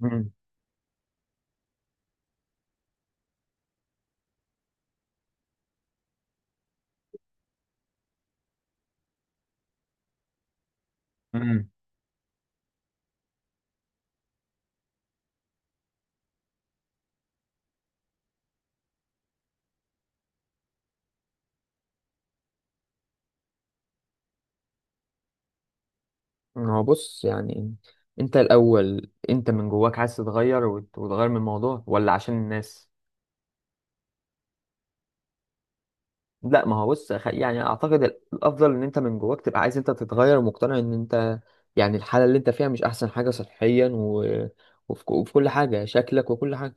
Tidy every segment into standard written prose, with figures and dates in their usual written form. مم. مم. هو بص، يعني انت الاول، انت من جواك عايز تتغير وتغير من الموضوع ولا عشان الناس؟ لا، ما هو بص، يعني اعتقد الافضل ان انت من جواك تبقى عايز انت تتغير ومقتنع ان انت، يعني الحالة اللي انت فيها مش احسن حاجة صحيا وفي كل حاجة، شكلك وكل حاجة.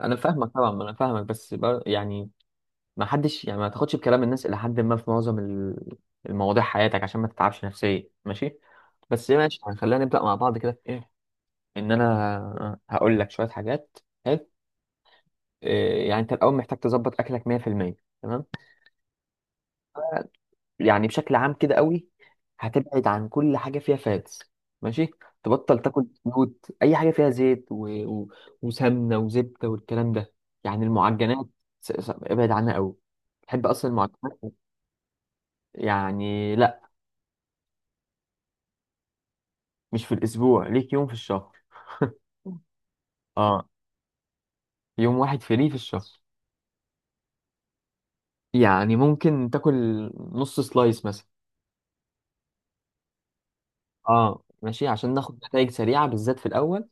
انا فاهمك طبعا، ما انا فاهمك، بس يعني ما حدش، يعني ما تاخدش بكلام الناس الى حد ما في معظم المواضيع حياتك، عشان ما تتعبش نفسيا، ماشي؟ بس ماشي، يعني خلينا نبدأ مع بعض كده. ان انا هقول لك شويه حاجات، حلو؟ إيه، يعني انت الاول محتاج تظبط اكلك 100%. تمام؟ يعني بشكل عام كده قوي، هتبعد عن كل حاجه فيها فاتس، ماشي؟ تبطل تاكل زيوت، اي حاجه فيها زيت وسمنه وزبده والكلام ده، يعني المعجنات، ابعد عنها قوي. تحب اصلا المعجنات؟ يعني لا، مش في الاسبوع، ليك يوم في الشهر اه، يوم واحد فري في الشهر، يعني ممكن تاكل نص سلايس مثلا. اه ماشي، عشان ناخد نتائج سريعة بالذات في الأول.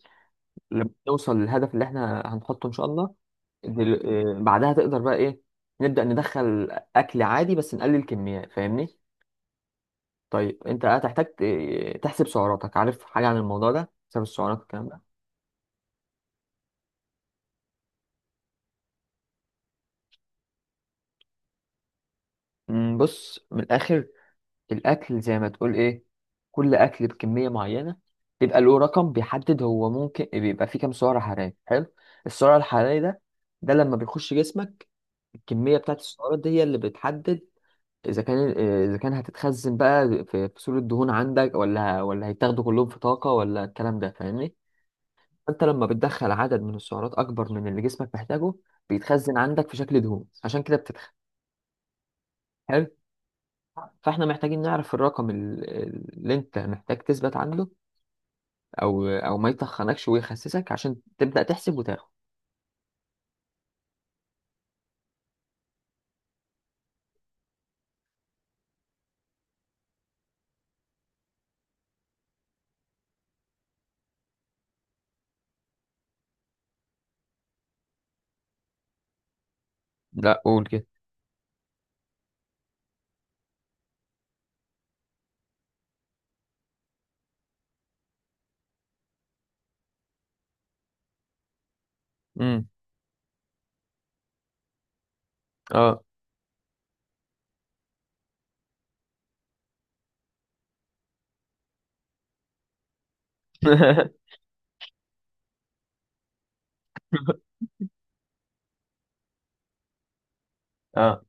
لما نوصل للهدف اللي احنا هنحطه إن شاء الله، دل... بعدها تقدر بقى إيه، نبدأ ندخل أكل عادي بس نقلل كميات، فاهمني؟ طيب، أنت هتحتاج تحسب سعراتك. عارف حاجة عن الموضوع ده؟ حساب السعرات والكلام ده؟ بص من الآخر، الاكل زي ما تقول ايه، كل اكل بكميه معينه بيبقى له رقم بيحدد هو ممكن بيبقى فيه كام سعره حراريه، حلو؟ السعر الحراري ده، لما بيخش جسمك الكميه بتاعت السعرات دي، هي اللي بتحدد اذا كان اذا كان هتتخزن بقى في صورة دهون عندك، ولا هيتاخدوا كلهم في طاقه، ولا الكلام ده، فاهمني؟ فانت لما بتدخل عدد من السعرات اكبر من اللي جسمك محتاجه، بيتخزن عندك في شكل دهون، عشان كده بتتخن، حلو؟ فاحنا محتاجين نعرف الرقم اللي انت محتاج تثبت عنده، او ما يطخنكش ويخسسك، عشان تبدأ تحسب وتاخد. لا، قول كده. امم. اه. اه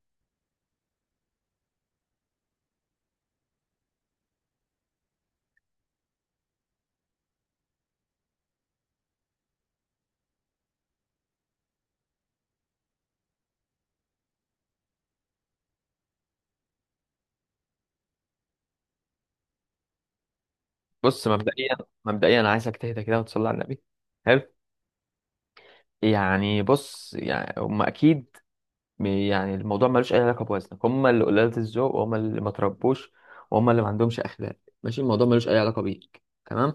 بص مبدئيا انا عايزك تهدى كده وتصلي على النبي. حلو. يعني بص، يعني هم اكيد، يعني الموضوع ملوش اي علاقه بوزنك، هم اللي قلالة الذوق وهم اللي ما تربوش وهم اللي ما عندهمش اخلاق، ماشي؟ الموضوع ملوش اي علاقه بيك، تمام؟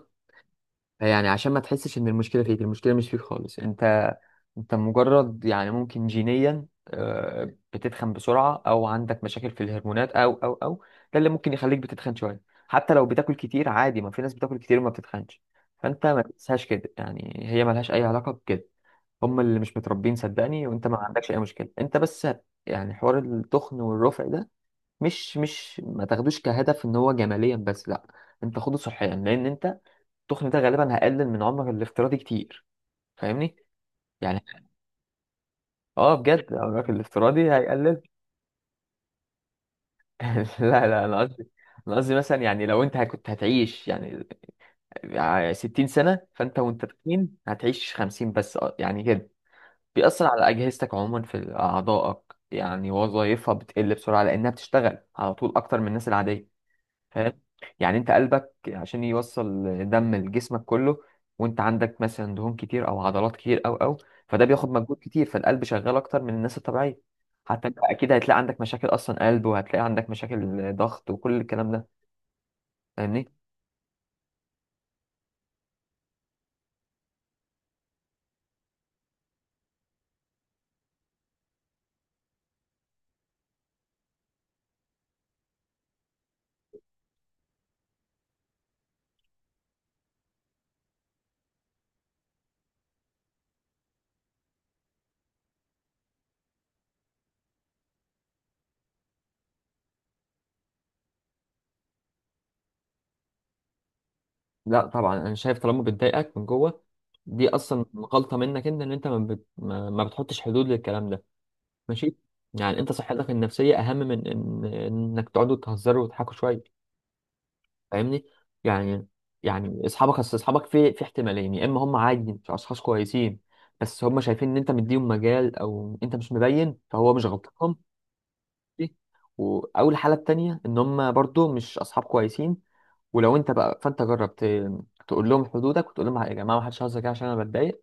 يعني عشان ما تحسش ان المشكله فيك، المشكله مش فيك خالص انت انت مجرد، يعني ممكن جينيا بتتخن بسرعه، او عندك مشاكل في الهرمونات او، ده اللي ممكن يخليك بتتخن شويه. حتى لو بتاكل كتير عادي، ما في ناس بتاكل كتير وما بتتخنش. فانت ما تنساش كده، يعني هي ملهاش اي علاقه بكده، هم اللي مش متربين صدقني، وانت ما عندكش اي مشكله انت، بس. يعني حوار التخن والرفع ده، مش ما تاخدوش كهدف ان هو جماليا بس، لا، انت خده صحيا، لان انت التخن ده غالبا هيقلل من عمرك الافتراضي كتير، فاهمني؟ يعني اه بجد، عمرك الافتراضي هيقلل. لا لا، انا قصدي، مثلا يعني لو انت كنت هتعيش يعني 60 سنة، فانت وانت تخين هتعيش 50 بس، يعني كده. بيأثر على أجهزتك عموما، في أعضائك يعني وظائفها بتقل بسرعة، لأنها بتشتغل على طول أكتر من الناس العادية، فاهم؟ يعني انت قلبك عشان يوصل دم لجسمك كله، وانت عندك مثلا دهون كتير او عضلات كتير او، فده بياخد مجهود كتير، فالقلب شغال اكتر من الناس الطبيعيه. حتى انت اكيد هتلاقي عندك مشاكل اصلا قلب، وهتلاقي عندك مشاكل ضغط وكل الكلام ده، فاهمني؟ لا طبعا، انا شايف طالما بتضايقك من جوه، دي اصلا غلطه منك انت، ان انت ما بتحطش حدود للكلام ده، ماشي؟ يعني انت صحتك النفسيه اهم من ان انك تقعدوا تهزروا وتضحكوا شويه، فاهمني؟ يعني، يعني اصل اصحابك في احتمالين، يا اما هم عادي مش اشخاص كويسين بس هم شايفين ان انت مديهم مجال، او انت مش مبين فهو مش غلطهم دي، او الحاله التانيه ان هم برضو مش اصحاب كويسين. ولو انت بقى، فانت جربت تقول لهم حدودك، وتقول لهم يا جماعه ما حدش هزر كده عشان انا بتضايق،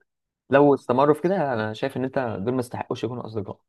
لو استمروا في كده، انا شايف ان انت دول ما يستحقوش يكونوا اصدقاء.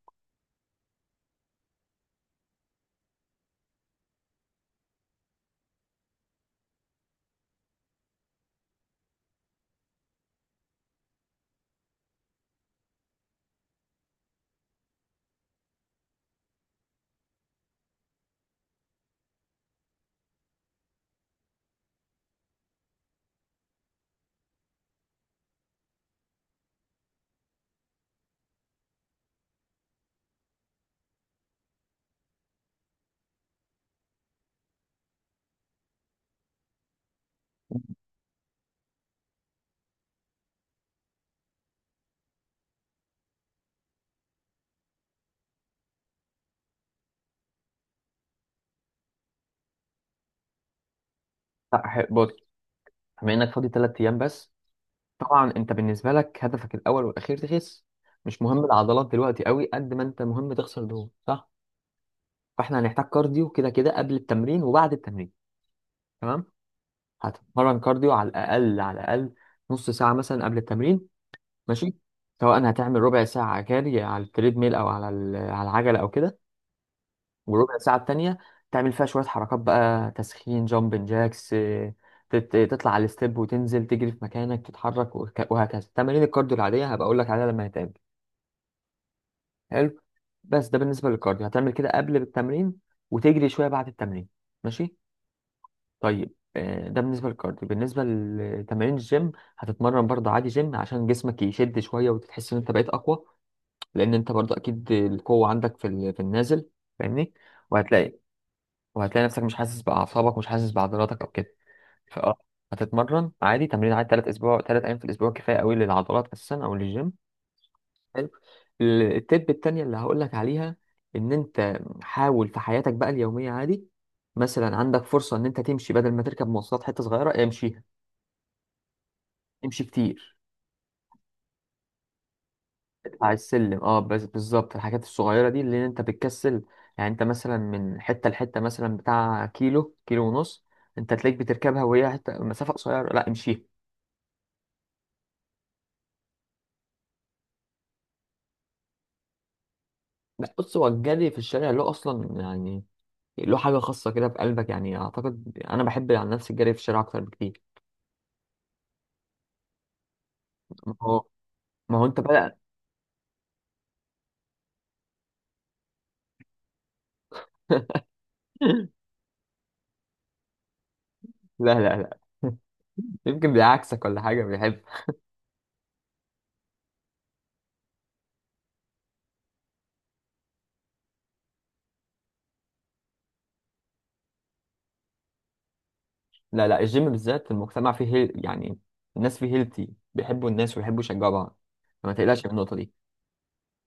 لا، بص، بما انك فاضي 3 ايام بس، طبعا انت بالنسبه لك هدفك الاول والاخير تخس. مش مهم العضلات دلوقتي قوي قد ما انت مهم تخسر دهون، صح؟ فاحنا هنحتاج كارديو كده كده، قبل التمرين وبعد التمرين، تمام؟ هتتمرن كارديو على الاقل على الاقل نص ساعه مثلا قبل التمرين، ماشي؟ سواء هتعمل ربع ساعه جري على التريد ميل، او على على العجله، او كده. والربع ساعه التانيه تعمل فيها شويه حركات بقى، تسخين جامبن جاكس، تطلع على الستيب وتنزل، تجري في مكانك، تتحرك وهكذا. تمارين الكارديو العاديه هبقى اقول لك عليها لما نتقابل. حلو. بس ده بالنسبه للكارديو، هتعمل كده قبل التمرين وتجري شويه بعد التمرين، ماشي؟ طيب ده بالنسبه للكارديو. بالنسبه لتمارين الجيم، هتتمرن برضه عادي جيم عشان جسمك يشد شويه وتحس ان انت بقيت اقوى، لان انت برضه اكيد القوه عندك في في النازل، فاهمني؟ وهتلاقي وهتلاقي نفسك مش حاسس باعصابك، مش حاسس بعضلاتك او كده. فاه هتتمرن عادي تمرين عادي 3 ايام في الاسبوع، كفايه قوي للعضلات اساسا او للجيم. حلو. التب التانية اللي هقولك عليها، ان انت حاول في حياتك بقى اليومية عادي. مثلا عندك فرصة ان انت تمشي بدل ما تركب مواصلات، حتة صغيرة امشيها. امشي كتير. اطلع السلم، اه بس بالظبط الحاجات الصغيرة دي اللي انت بتكسل. يعني انت مثلا من حتة لحتة، مثلا بتاع كيلو كيلو ونص، انت تلاقيك بتركبها وهي حتة مسافة قصيرة، لا امشيها. لا بص، هو الجري في الشارع له اصلا يعني، له حاجة خاصة كده في قلبك، يعني اعتقد انا بحب عن نفسي الجري في الشارع اكتر بكتير. ما هو انت بقى. لا لا لا، يمكن بيعكسك ولا حاجة بيحب. لا لا، الجيم بالذات المجتمع فيه يعني الناس فيه هيلتي بيحبوا الناس ويحبوا يشجعوا بعض، فما تقلقش من النقطة دي.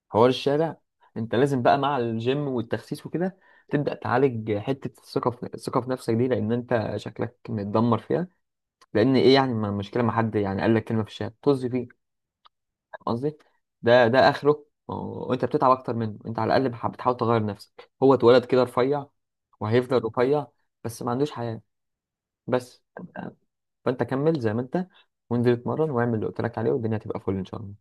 حوار الشارع، انت لازم بقى مع الجيم والتخسيس وكده تبدأ تعالج حتة الثقة في نفسك دي، لأن أنت شكلك متدمر فيها. لأن إيه يعني، ما المشكلة ما حد يعني قال لك كلمة في الشارع، طز فيه. قصدي ده اخره، وانت بتتعب اكتر منه، انت على الاقل بتحاول تغير نفسك، هو اتولد كده رفيع وهيفضل رفيع، بس ما عندوش حياة. بس فانت كمل زي ما انت، وانزل اتمرن واعمل اللي قلت لك عليه، والدنيا هتبقى فل ان شاء الله.